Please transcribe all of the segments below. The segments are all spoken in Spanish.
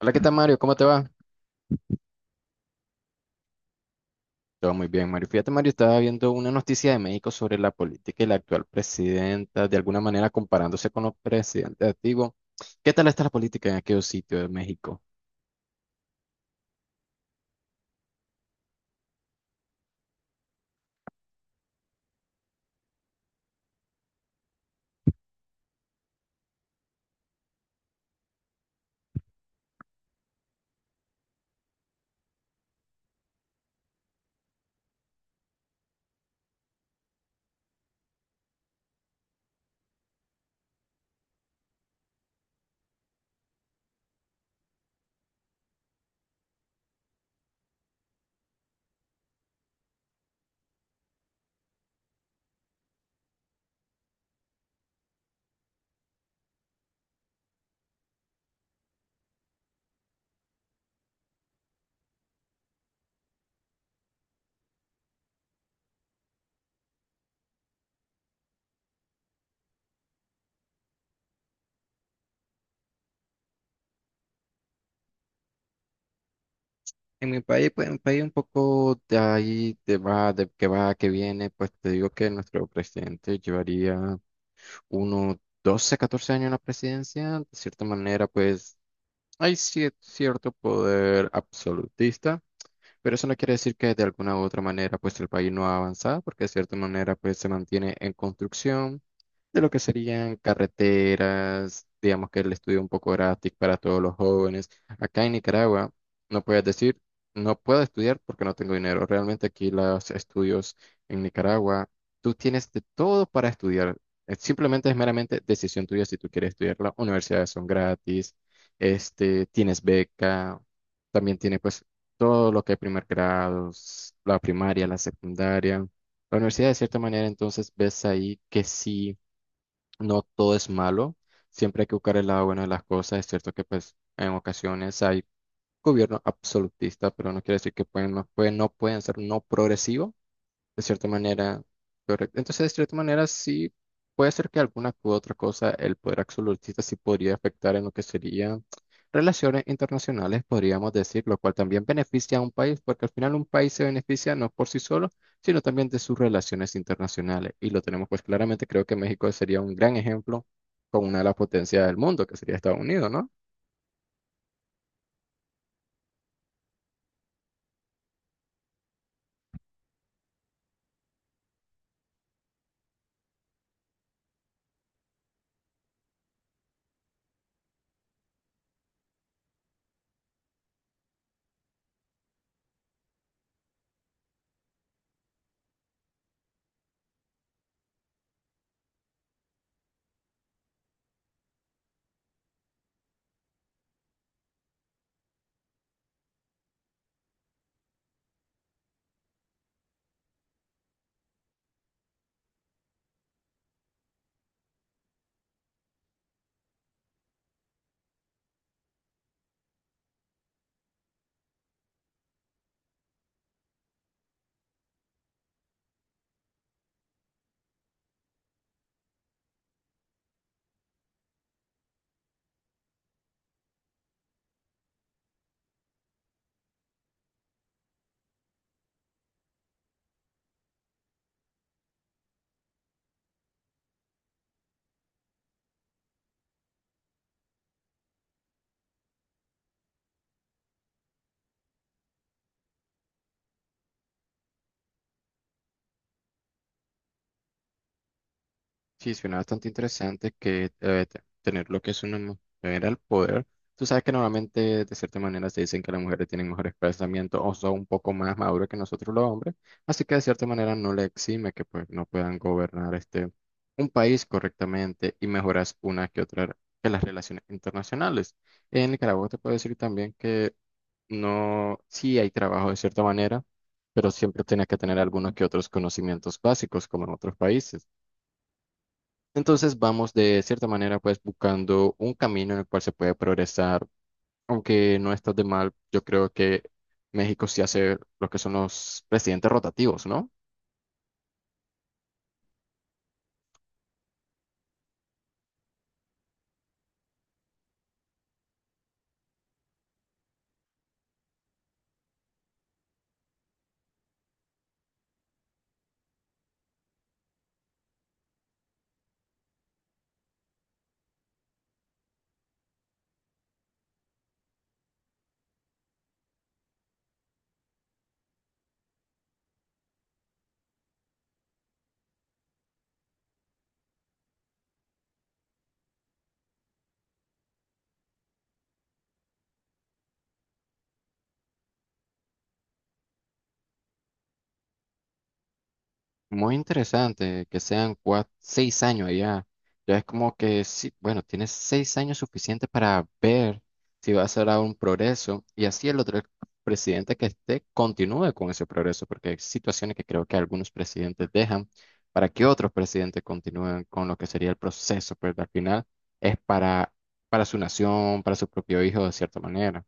Hola, ¿qué tal, Mario? ¿Cómo te va? Todo muy bien, Mario. Fíjate, Mario, estaba viendo una noticia de México sobre la política y la actual presidenta, de alguna manera comparándose con los presidentes antiguos. ¿Qué tal está la política en aquellos sitios de México? En mi país, pues, un país un poco de ahí, de va, de que va, que viene. Pues te digo que nuestro presidente llevaría unos 12 14 años en la presidencia. De cierta manera, pues hay cierto poder absolutista. Pero eso no quiere decir que de alguna u otra manera pues el país no ha avanzado, porque de cierta manera pues se mantiene en construcción de lo que serían carreteras, digamos que el estudio un poco gratis para todos los jóvenes. Acá en Nicaragua no puedes decir, no puedo estudiar porque no tengo dinero. Realmente aquí los estudios en Nicaragua, tú tienes de todo para estudiar. Simplemente es meramente decisión tuya si tú quieres estudiar. Las universidades son gratis, este, tienes beca. También tiene pues todo lo que hay primer grado, la primaria, la secundaria. La universidad, de cierta manera. Entonces ves ahí que sí, no todo es malo, siempre hay que buscar el lado bueno de las cosas. Es cierto que pues en ocasiones hay gobierno absolutista, pero no quiere decir que no pueden ser no progresivos de cierta manera, correcto. Entonces, de cierta manera, sí puede ser que alguna u otra cosa, el poder absolutista sí podría afectar en lo que serían relaciones internacionales, podríamos decir, lo cual también beneficia a un país, porque al final un país se beneficia no por sí solo, sino también de sus relaciones internacionales. Y lo tenemos pues claramente, creo que México sería un gran ejemplo con una de las potencias del mundo, que sería Estados Unidos, ¿no? Sí, suena bastante interesante que tener lo que es una mujer al poder. Tú sabes que normalmente, de cierta manera, se dicen que las mujeres tienen mejores pensamientos o son un poco más maduros que nosotros los hombres, así que de cierta manera no le exime que pues no puedan gobernar este un país correctamente y mejoras una que otra que las relaciones internacionales. En Nicaragua te puedo decir también que no, sí hay trabajo de cierta manera, pero siempre tienes que tener algunos que otros conocimientos básicos como en otros países. Entonces vamos de cierta manera pues buscando un camino en el cual se puede progresar, aunque no está de mal. Yo creo que México sí hace lo que son los presidentes rotativos, ¿no? Muy interesante que sean 6 años allá. Ya es como que, sí, bueno, tienes 6 años suficientes para ver si va a ser un progreso y así el otro presidente que esté continúe con ese progreso, porque hay situaciones que creo que algunos presidentes dejan para que otros presidentes continúen con lo que sería el proceso, pero al final es para su nación, para su propio hijo, de cierta manera.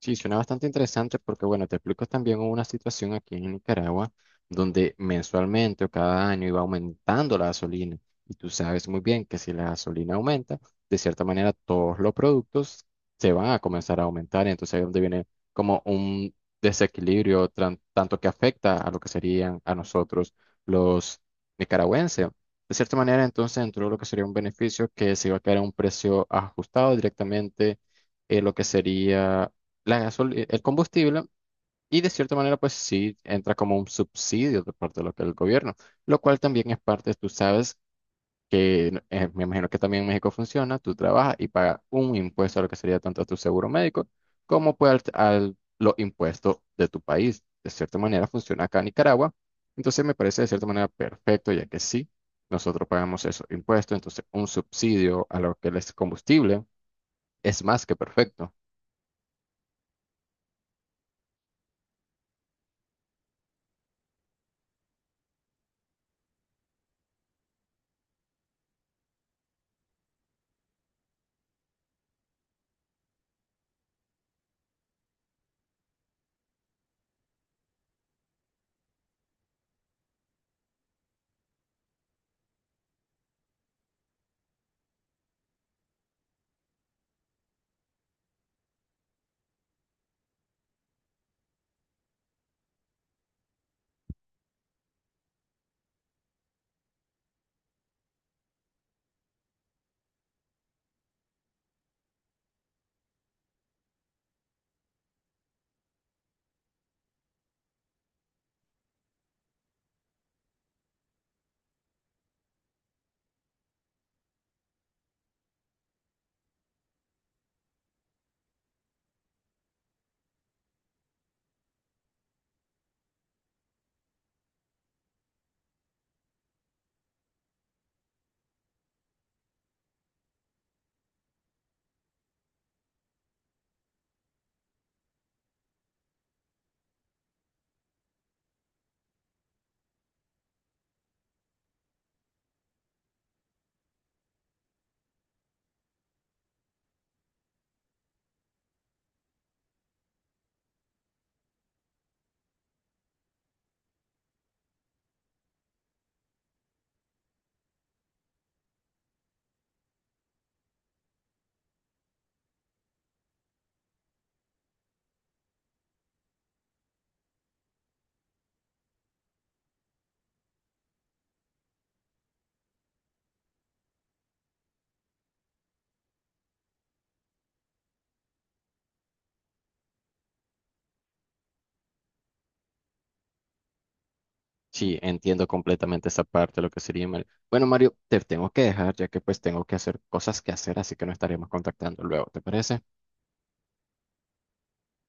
Sí, suena bastante interesante porque, bueno, te explico, también hubo una situación aquí en Nicaragua donde mensualmente o cada año iba aumentando la gasolina. Y tú sabes muy bien que si la gasolina aumenta, de cierta manera todos los productos se van a comenzar a aumentar. Y entonces ahí es donde viene como un desequilibrio tanto que afecta a lo que serían a nosotros los nicaragüenses. De cierta manera, entonces entró lo que sería un beneficio que se iba a quedar a un precio ajustado directamente, lo que sería el combustible, y de cierta manera pues sí entra como un subsidio de parte de lo que el gobierno, lo cual también es parte. Tú sabes que me imagino que también en México funciona, tú trabajas y pagas un impuesto a lo que sería tanto a tu seguro médico como pues los impuestos de tu país. De cierta manera funciona acá en Nicaragua, entonces me parece de cierta manera perfecto, ya que sí, nosotros pagamos esos impuestos, entonces un subsidio a lo que es combustible es más que perfecto. Sí, entiendo completamente esa parte, de lo que sería Mario. Bueno, Mario, te tengo que dejar ya que pues tengo que hacer cosas que hacer, así que nos estaremos contactando luego, ¿te parece?